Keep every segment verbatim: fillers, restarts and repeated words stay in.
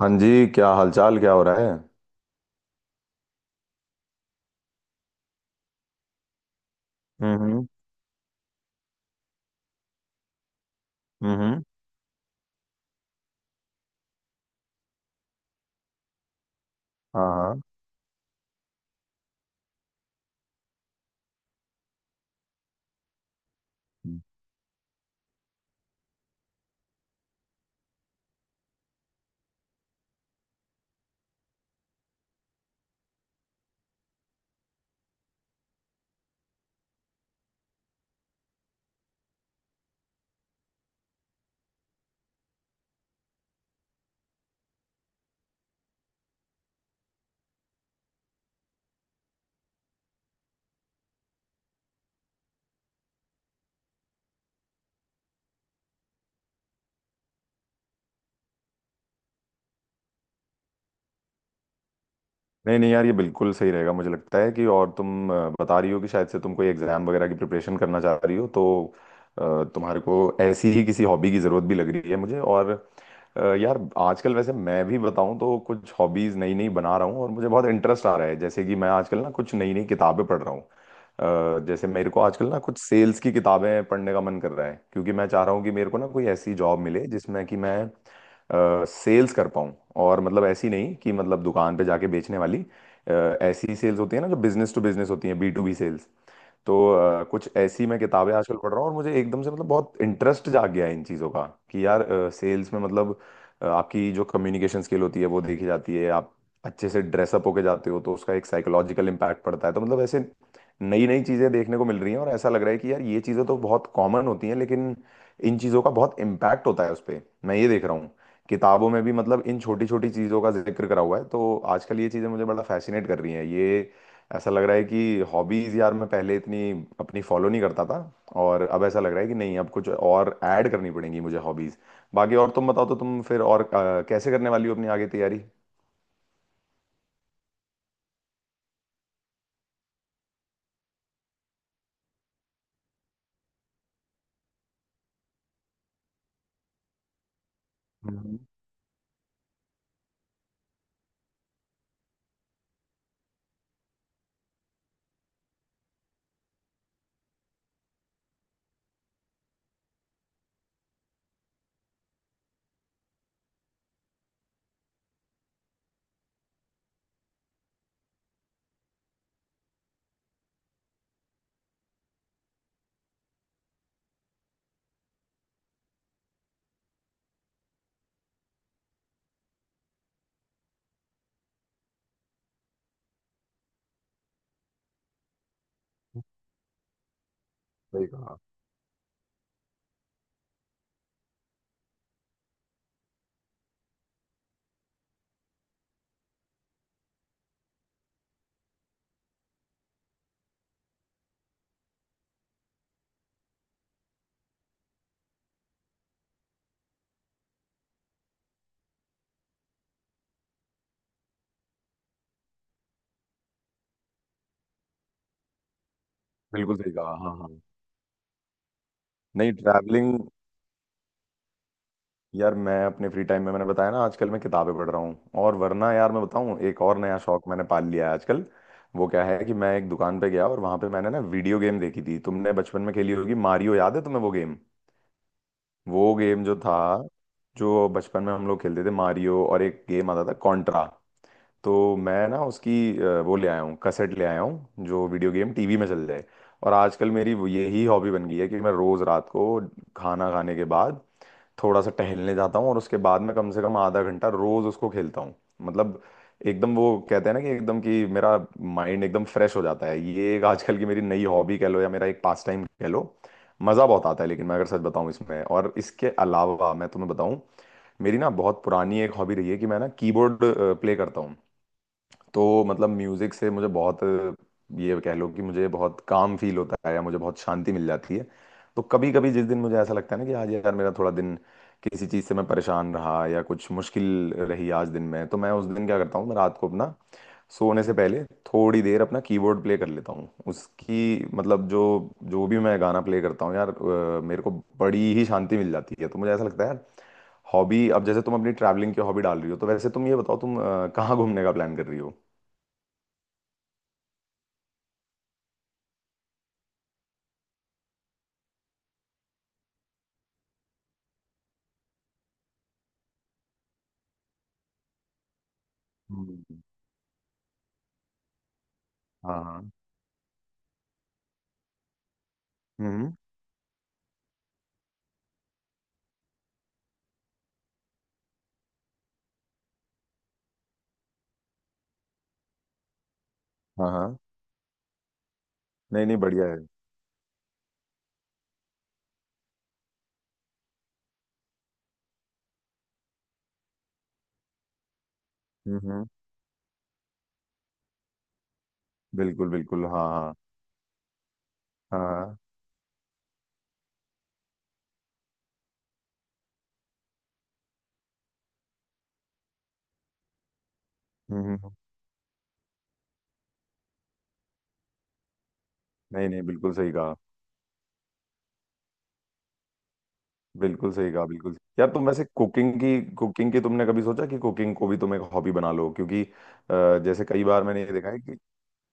हाँ जी, क्या हालचाल, क्या हो रहा है। हम्म। हम्म। हम्म। हाँ हाँ। नहीं नहीं यार, ये बिल्कुल सही रहेगा मुझे लगता है। कि और तुम अ, बता रही हो कि शायद से तुम कोई एग्जाम वगैरह की प्रिपरेशन करना चाह रही हो, तो अ, तुम्हारे को ऐसी ही किसी हॉबी की जरूरत भी लग रही है मुझे। और अ, यार आजकल वैसे मैं भी बताऊं तो कुछ हॉबीज नई नई बना रहा हूँ और मुझे बहुत इंटरेस्ट आ रहा है। जैसे कि मैं आजकल ना कुछ नई नई किताबें पढ़ रहा हूँ। अ, जैसे मेरे को आजकल ना कुछ सेल्स की किताबें पढ़ने का मन कर रहा है, क्योंकि मैं चाह रहा हूँ कि मेरे को ना कोई ऐसी जॉब मिले जिसमें कि मैं सेल्स कर पाऊँ। और मतलब ऐसी नहीं कि मतलब दुकान पे जाके बेचने वाली। अ, ऐसी सेल्स होती है ना जो बिजनेस टू बिजनेस होती है, बी टू बी सेल्स। तो अ, कुछ ऐसी मैं किताबें आजकल पढ़ रहा हूँ और मुझे एकदम से मतलब बहुत इंटरेस्ट जाग गया है इन चीज़ों का। कि यार सेल्स में मतलब अ, आपकी जो कम्युनिकेशन स्किल होती है वो देखी जाती है। आप अच्छे से ड्रेसअप होके जाते हो तो उसका एक साइकोलॉजिकल इम्पैक्ट पड़ता है। तो मतलब ऐसे नई नई चीज़ें देखने को मिल रही हैं और ऐसा लग रहा है कि यार ये चीज़ें तो बहुत कॉमन होती हैं, लेकिन इन चीज़ों का बहुत इम्पैक्ट होता है उस पर। मैं ये देख रहा हूँ किताबों में भी मतलब इन छोटी छोटी चीज़ों का जिक्र करा हुआ है, तो आजकल ये चीज़ें मुझे बड़ा फैसिनेट कर रही हैं ये। ऐसा लग रहा है कि हॉबीज यार मैं पहले इतनी अपनी फॉलो नहीं करता था, और अब ऐसा लग रहा है कि नहीं, अब कुछ और ऐड करनी पड़ेंगी मुझे हॉबीज। बाकी और तुम बताओ, तो तुम फिर और अ, कैसे करने वाली हो अपनी आगे तैयारी। हम्म। सही कहा। बिल्कुल सही कहा, हाँ हाँ। नहीं, ट्रैवलिंग यार मैं अपने फ्री टाइम में, मैंने बताया ना आजकल मैं किताबें पढ़ रहा हूँ। और वरना यार मैं बताऊँ, एक और नया शौक मैंने पाल लिया है आजकल। वो क्या है कि मैं एक दुकान पे गया और वहां पे मैंने ना वीडियो गेम देखी थी, तुमने बचपन में खेली होगी मारियो, याद है तुम्हें वो गेम। वो गेम जो था जो बचपन में हम लोग खेलते थे, मारियो, और एक गेम आता था कॉन्ट्रा। तो मैं ना उसकी अ, वो ले आया हूँ, कसेट ले आया हूँ जो वीडियो गेम टीवी में चल जाए। और आजकल मेरी वो- यही हॉबी बन गई है कि मैं रोज रात को खाना खाने के बाद थोड़ा सा टहलने जाता हूँ और उसके बाद में कम से कम आधा घंटा रोज उसको खेलता हूँ। मतलब एकदम, वो कहते हैं ना कि एकदम कि मेरा माइंड एकदम फ्रेश हो जाता है। ये एक आजकल की मेरी नई हॉबी कह लो या मेरा एक पास टाइम कह लो। मज़ा बहुत आता है। लेकिन मैं अगर सच बताऊं इसमें, और इसके अलावा मैं तुम्हें बताऊं, मेरी ना बहुत पुरानी एक हॉबी रही है कि मैं ना कीबोर्ड प्ले करता हूँ। तो मतलब म्यूजिक से मुझे बहुत, ये कह लो कि मुझे बहुत काम फील होता है या मुझे बहुत शांति मिल जाती है। तो कभी कभी जिस दिन मुझे ऐसा लगता है ना कि आज यार मेरा थोड़ा दिन किसी चीज़ से मैं परेशान रहा या कुछ मुश्किल रही आज दिन में, तो मैं उस दिन क्या करता हूँ, मैं रात को अपना सोने से पहले थोड़ी देर अपना कीबोर्ड प्ले कर लेता हूँ। उसकी मतलब जो जो भी मैं गाना प्ले करता हूँ यार, अ, मेरे को बड़ी ही शांति मिल जाती है। तो मुझे ऐसा लगता है यार, हॉबी, अब जैसे तुम अपनी ट्रैवलिंग की हॉबी डाल रही हो, तो वैसे तुम ये बताओ तुम अ, कहाँ घूमने का प्लान कर रही हो। हम्म। हाँ हाँ। हम्म। हाँ हाँ। नहीं नहीं, बढ़िया है। हम्म हम्म। बिल्कुल बिल्कुल, हाँ हाँ। हाँ हाँ। हम्म हम्म। नहीं नहीं, बिल्कुल सही कहा। बिल्कुल सही कहा, बिल्कुल। यार तुम वैसे कुकिंग की कुकिंग की तुमने कभी सोचा कि कुकिंग को भी तुम एक हॉबी बना लो, क्योंकि अ, जैसे कई बार मैंने ये देखा है कि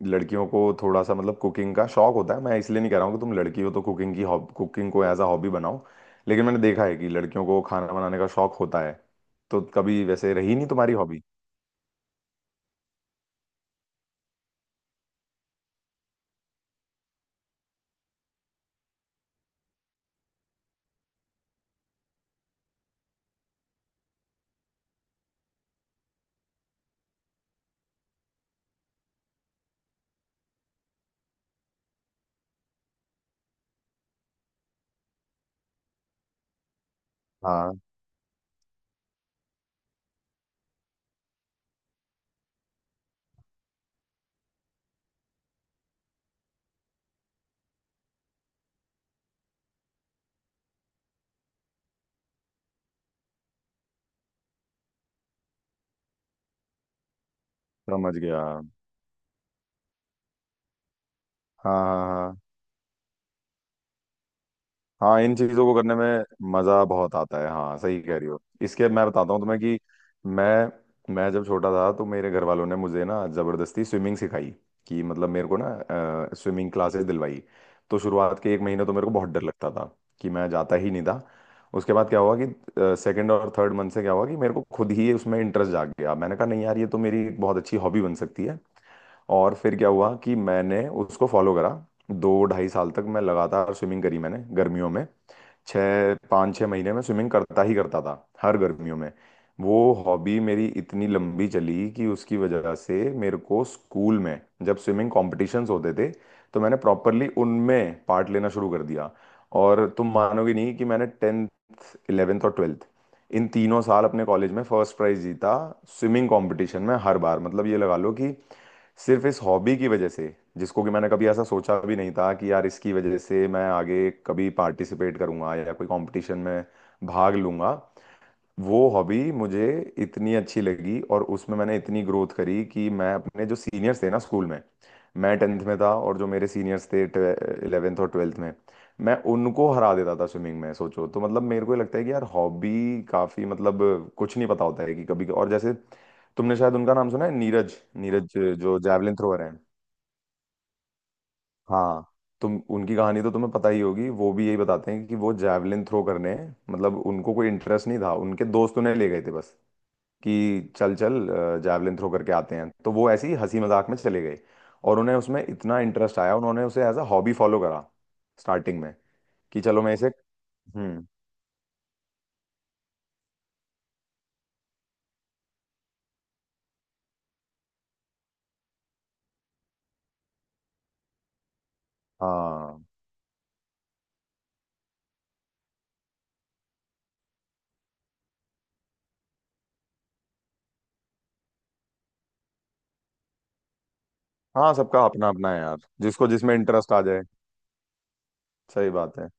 लड़कियों को थोड़ा सा मतलब कुकिंग का शौक होता है। मैं इसलिए नहीं कह रहा हूँ कि तुम लड़की हो तो कुकिंग की हॉब कुकिंग को एज अ हॉबी बनाओ, लेकिन मैंने देखा है कि लड़कियों को खाना बनाने का शौक होता है। तो कभी वैसे रही नहीं तुम्हारी हॉबी। हाँ, समझ गया। हाँ हाँ हाँ। हाँ, इन चीजों को करने में मजा बहुत आता है, हाँ सही कह रही हो। इसके मैं बताता हूँ तुम्हें कि मैं मैं जब छोटा था तो मेरे घर वालों ने मुझे ना जबरदस्ती स्विमिंग सिखाई। कि मतलब मेरे को ना स्विमिंग क्लासेस दिलवाई। तो शुरुआत के एक महीने तो मेरे को बहुत डर लगता था कि मैं जाता ही नहीं था। उसके बाद क्या हुआ कि सेकंड और थर्ड मंथ से क्या हुआ कि मेरे को खुद ही उसमें इंटरेस्ट जाग गया, मैंने कहा नहीं यार ये तो मेरी एक बहुत अच्छी हॉबी बन सकती है। और फिर क्या हुआ कि मैंने उसको फॉलो करा। दो ढाई साल तक मैं लगातार स्विमिंग करी, मैंने गर्मियों में छः पाँच छः महीने में स्विमिंग करता ही करता था, हर गर्मियों में। वो हॉबी मेरी इतनी लंबी चली कि उसकी वजह से मेरे को स्कूल में, जब स्विमिंग कॉम्पिटिशन्स होते थे तो मैंने प्रॉपरली उनमें पार्ट लेना शुरू कर दिया। और तुम मानोगे नहीं कि मैंने टेंथ, इलेवेंथ और ट्वेल्थ, इन तीनों साल अपने कॉलेज में फर्स्ट प्राइज जीता स्विमिंग कंपटीशन में, हर बार। मतलब ये लगा लो कि सिर्फ इस हॉबी की वजह से, जिसको कि मैंने कभी ऐसा सोचा भी नहीं था कि यार इसकी वजह से मैं आगे कभी पार्टिसिपेट करूंगा या कोई कंपटीशन में भाग लूंगा। वो हॉबी मुझे इतनी अच्छी लगी और उसमें मैंने इतनी ग्रोथ करी कि मैं अपने जो सीनियर्स थे ना स्कूल में, मैं टेंथ में था और जो मेरे सीनियर्स थे इलेवेंथ और ट्वेल्थ में, मैं उनको हरा देता था स्विमिंग में। सोचो, तो मतलब मेरे को ये लगता है कि यार हॉबी काफ़ी मतलब, कुछ नहीं पता होता है कि कभी। और जैसे तुमने शायद उनका नाम सुना है, नीरज, नीरज जो जैवलिन थ्रोअर हैं। हाँ, तुम उनकी कहानी तो तुम्हें पता ही होगी। वो भी यही बताते हैं कि वो जैवलिन थ्रो करने, मतलब उनको कोई इंटरेस्ट नहीं था, उनके दोस्त उन्हें ले गए थे बस कि चल चल जैवलिन थ्रो करके आते हैं, तो वो ऐसी हंसी मजाक में चले गए। और उन्हें उसमें इतना इंटरेस्ट आया, उन्होंने उसे एज अ हॉबी फॉलो करा स्टार्टिंग में, कि चलो मैं इसे। हम्म। हाँ हाँ, सबका अपना अपना है यार, जिसको जिसमें इंटरेस्ट आ जाए। सही बात है।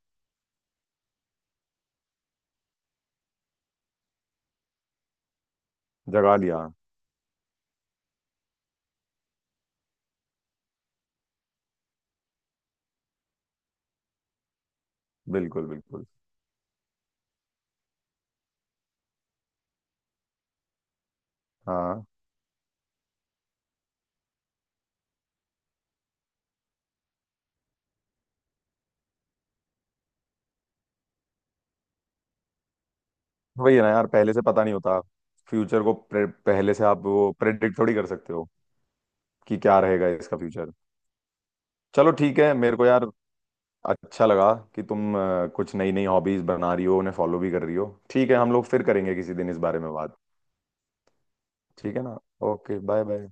जगा लिया। बिल्कुल बिल्कुल, हाँ। वही है ना यार, पहले से पता नहीं होता। फ्यूचर को प्रे- पहले से आप वो प्रेडिक्ट थोड़ी कर सकते हो कि क्या रहेगा इसका फ्यूचर। चलो ठीक है, मेरे को यार अच्छा लगा कि तुम अ, कुछ नई नई हॉबीज बना रही हो, उन्हें फॉलो भी कर रही हो। ठीक है, हम लोग फिर करेंगे किसी दिन इस बारे में बात। ठीक है ना। Okay, bye bye.